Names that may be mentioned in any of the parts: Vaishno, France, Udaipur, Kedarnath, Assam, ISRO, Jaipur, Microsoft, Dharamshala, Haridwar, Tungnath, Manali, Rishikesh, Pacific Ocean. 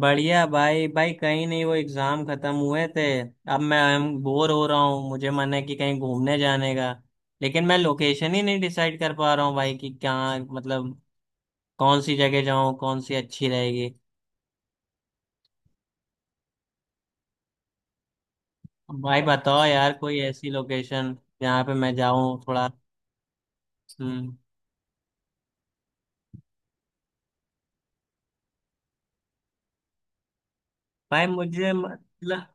बढ़िया भाई भाई, कहीं नहीं। वो एग्जाम खत्म हुए थे, अब मैं बोर हो रहा हूँ, मुझे मन है कि कहीं घूमने जाने का। लेकिन मैं लोकेशन ही नहीं डिसाइड कर पा रहा हूँ भाई कि क्या मतलब, कौन सी जगह जाऊँ, कौन सी अच्छी रहेगी। भाई बताओ यार, कोई ऐसी लोकेशन जहाँ पे मैं जाऊँ थोड़ा। हम्म। भाई मुझे मतलब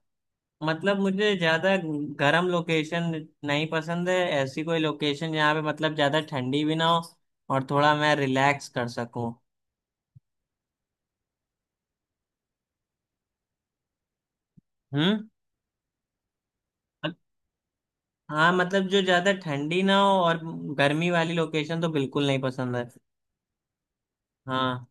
मतलब मुझे ज्यादा गर्म लोकेशन नहीं पसंद है। ऐसी कोई लोकेशन जहाँ पे मतलब ज्यादा ठंडी भी ना हो और थोड़ा मैं रिलैक्स कर सकूँ। हम्म। हाँ, मतलब जो ज्यादा ठंडी ना हो, और गर्मी वाली लोकेशन तो बिल्कुल नहीं पसंद है। हाँ।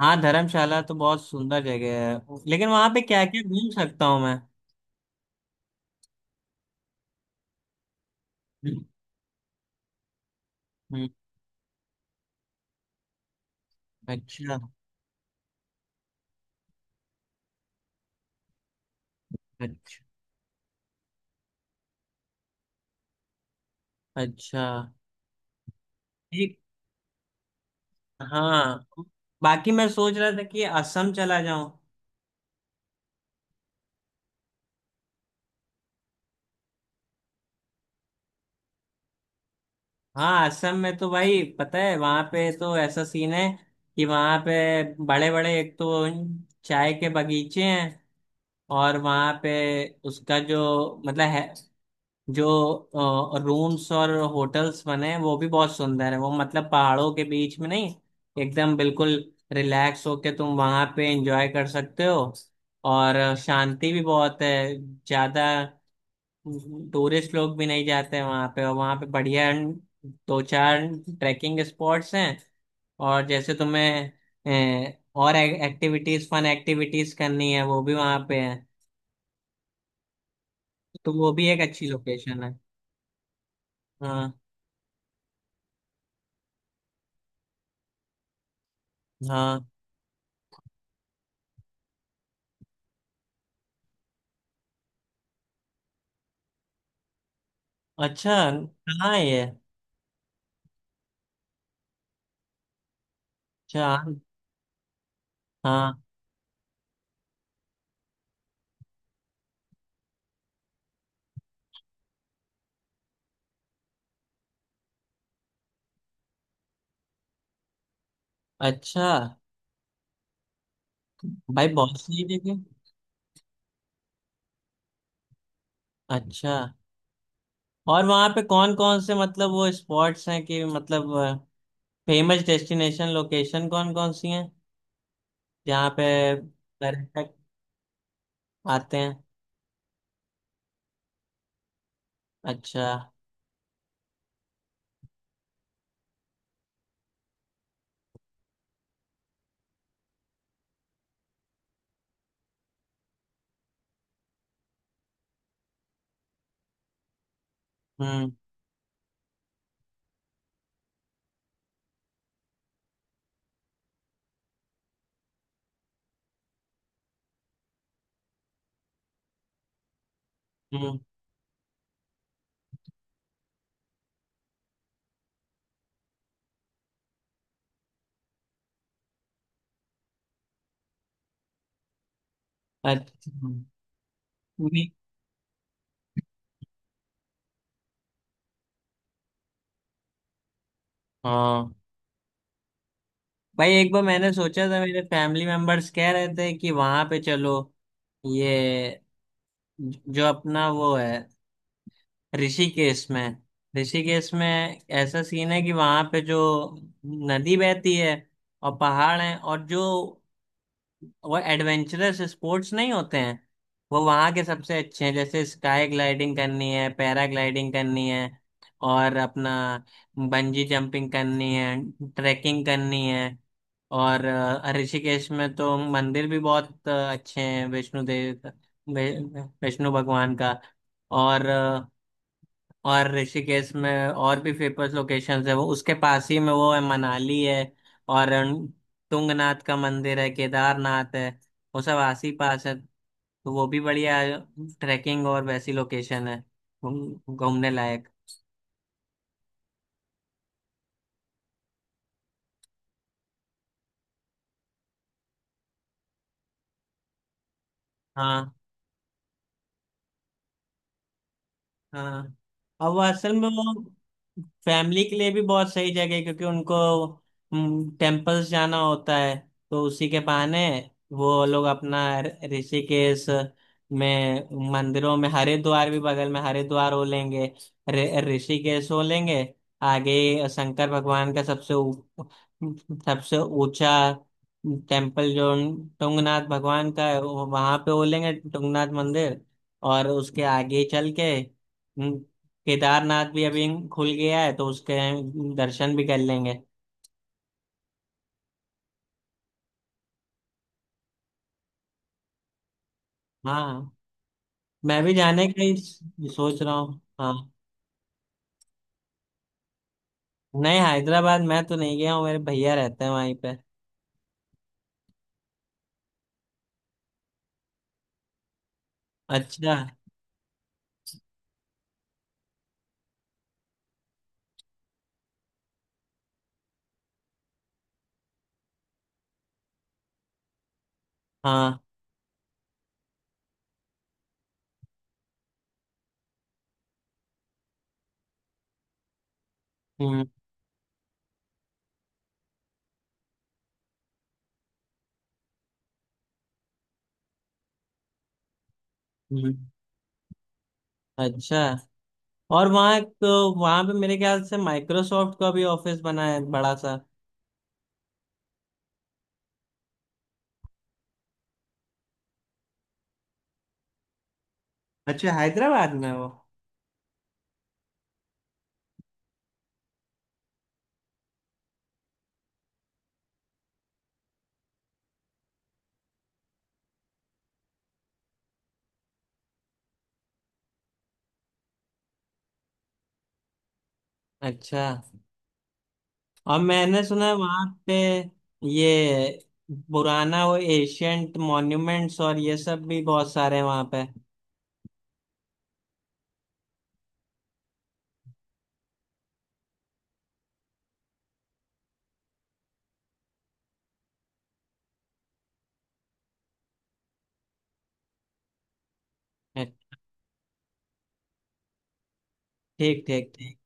हाँ, धर्मशाला तो बहुत सुंदर जगह है, लेकिन वहां पे क्या क्या घूम सकता हूँ मैं? हम्म। अच्छा। अच्छा। अच्छा। ठीक। हाँ। बाकी मैं सोच रहा था कि असम चला जाऊं। हाँ, असम में तो भाई पता है, वहां पे तो ऐसा सीन है कि वहां पे बड़े बड़े एक तो चाय के बगीचे हैं। और वहां पे उसका जो मतलब है, जो रूम्स और होटल्स बने हैं वो भी बहुत सुंदर है। वो मतलब पहाड़ों के बीच में नहीं, एकदम बिल्कुल रिलैक्स होके तुम वहां पे एंजॉय कर सकते हो। और शांति भी बहुत है, ज्यादा टूरिस्ट लोग भी नहीं जाते हैं वहां पे। और वहां पे बढ़िया दो चार ट्रैकिंग स्पॉट्स हैं। और जैसे तुम्हें और एक्टिविटीज, फन एक्टिविटीज करनी है, वो भी वहां पे है। तो वो भी एक अच्छी लोकेशन है। हाँ। हाँ। अच्छा, कहाँ है ये? अच्छा। हाँ। अच्छा, भाई बहुत सही जगह। अच्छा, और वहाँ पे कौन कौन से मतलब वो स्पॉट्स हैं, कि मतलब फेमस डेस्टिनेशन लोकेशन कौन कौन सी हैं जहाँ पे पर्यटक आते हैं? अच्छा। हम्म। हम्म। अच्छा। हम्म। हाँ, भाई एक बार मैंने सोचा था, मेरे फैमिली मेंबर्स कह रहे थे कि वहाँ पे चलो, ये जो अपना वो है, ऋषिकेश में। ऋषिकेश में ऐसा सीन है कि वहां पे जो नदी बहती है, और पहाड़ हैं, और जो वो एडवेंचरस स्पोर्ट्स नहीं होते हैं, वो वहाँ के सबसे अच्छे हैं। जैसे स्काई ग्लाइडिंग करनी है, पैरा ग्लाइडिंग करनी है, और अपना बंजी जंपिंग करनी है, ट्रैकिंग करनी है। और ऋषिकेश में तो मंदिर भी बहुत अच्छे हैं। वैष्णो भगवान का। और और ऋषिकेश में और भी फेमस लोकेशंस है, वो उसके पास ही में वो है, मनाली है। और तुंगनाथ का मंदिर है, केदारनाथ है, वो सब आस ही पास है। तो वो भी बढ़िया ट्रैकिंग और वैसी लोकेशन है, घूमने लायक। हाँ। हाँ, और वो असल में वो फैमिली के लिए भी बहुत सही जगह है, क्योंकि उनको टेम्पल्स जाना होता है। तो उसी के बहाने वो लोग अपना ऋषिकेश में मंदिरों में, हरिद्वार भी बगल में, हरिद्वार हो लेंगे, ऋषिकेश हो लेंगे, आगे शंकर भगवान का सबसे सबसे ऊंचा टेम्पल जो टुंगनाथ भगवान का है, वहां पे हो लेंगे, टुंगनाथ मंदिर। और उसके आगे चल के केदारनाथ भी अभी खुल गया है, तो उसके दर्शन भी कर लेंगे। हाँ, मैं भी जाने का ही सोच रहा हूँ। हाँ। नहीं, हैदराबाद मैं तो नहीं गया हूँ, मेरे भैया रहते हैं वहीं पे। अच्छा। हाँ। हम्म। हम्म। अच्छा, और वहाँ तो वहाँ पे मेरे ख्याल से माइक्रोसॉफ्ट का भी ऑफिस बना है बड़ा सा। अच्छा, हैदराबाद में वो। अच्छा, और मैंने सुना है वहाँ पे ये पुराना वो एशियंट मॉन्यूमेंट्स और ये सब भी बहुत सारे हैं वहाँ पे। अ- ठीक ठीक ठीक।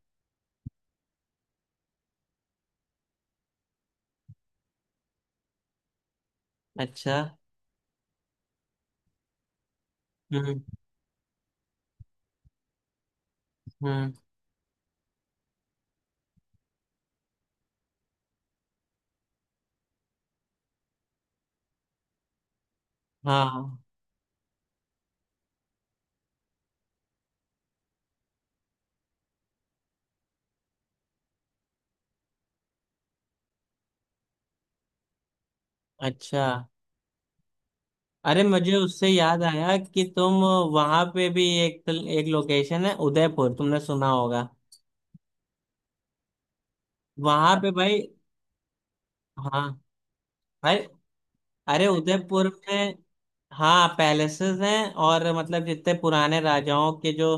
अच्छा। हम्म। हम्म। हाँ। अच्छा, अरे मुझे उससे याद आया कि तुम, वहां पे भी एक एक लोकेशन है, उदयपुर, तुमने सुना होगा। वहां पे भाई। हाँ भाई, अरे उदयपुर में हाँ पैलेसेस हैं, और मतलब जितने पुराने राजाओं के जो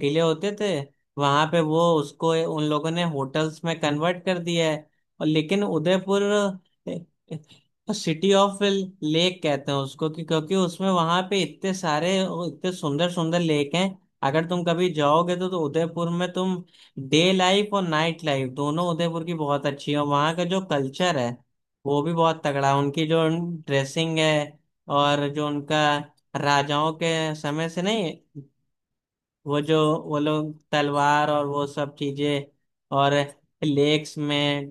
किले होते थे वहां पे, वो उसको उन लोगों ने होटल्स में कन्वर्ट कर दिया है। और लेकिन उदयपुर सिटी ऑफ लेक कहते हैं उसको, कि क्योंकि उसमें वहां पे इतने सारे इतने सुंदर सुंदर लेक हैं। अगर तुम कभी जाओगे तो उदयपुर में तुम डे लाइफ और नाइट लाइफ दोनों उदयपुर की बहुत अच्छी है। और वहाँ का जो कल्चर है वो भी बहुत तगड़ा है, उनकी जो ड्रेसिंग है, और जो उनका राजाओं के समय से नहीं, वो जो, वो लोग तलवार और वो सब चीजें, और लेक्स में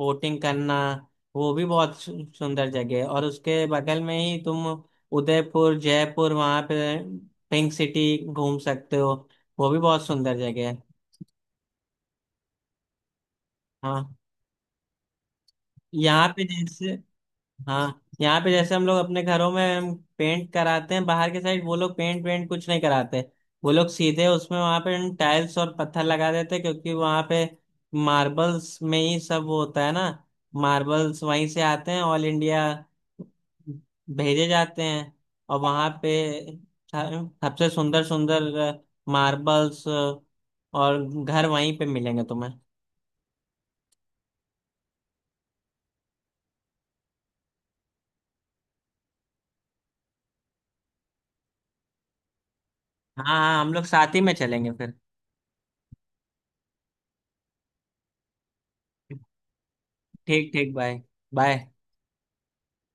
बोटिंग करना, वो भी बहुत सुंदर जगह है। और उसके बगल में ही तुम उदयपुर जयपुर, वहां पे पिंक सिटी घूम सकते हो, वो भी बहुत सुंदर जगह है। हाँ। यहाँ पे जैसे हाँ यहाँ पे जैसे हम लोग अपने घरों में हम पेंट कराते हैं बाहर के साइड, वो लोग पेंट वेंट कुछ नहीं कराते। वो लोग सीधे उसमें वहां पे टाइल्स और पत्थर लगा देते हैं, क्योंकि वहां पे मार्बल्स में ही सब वो होता है ना। मार्बल्स वहीं से आते हैं, ऑल इंडिया भेजे जाते हैं। और वहां पे स- सबसे सुंदर सुंदर मार्बल्स और घर वहीं पे मिलेंगे तुम्हें। हाँ हाँ, हम लोग साथ ही में चलेंगे फिर। ठीक ठीक। बाय। बाय।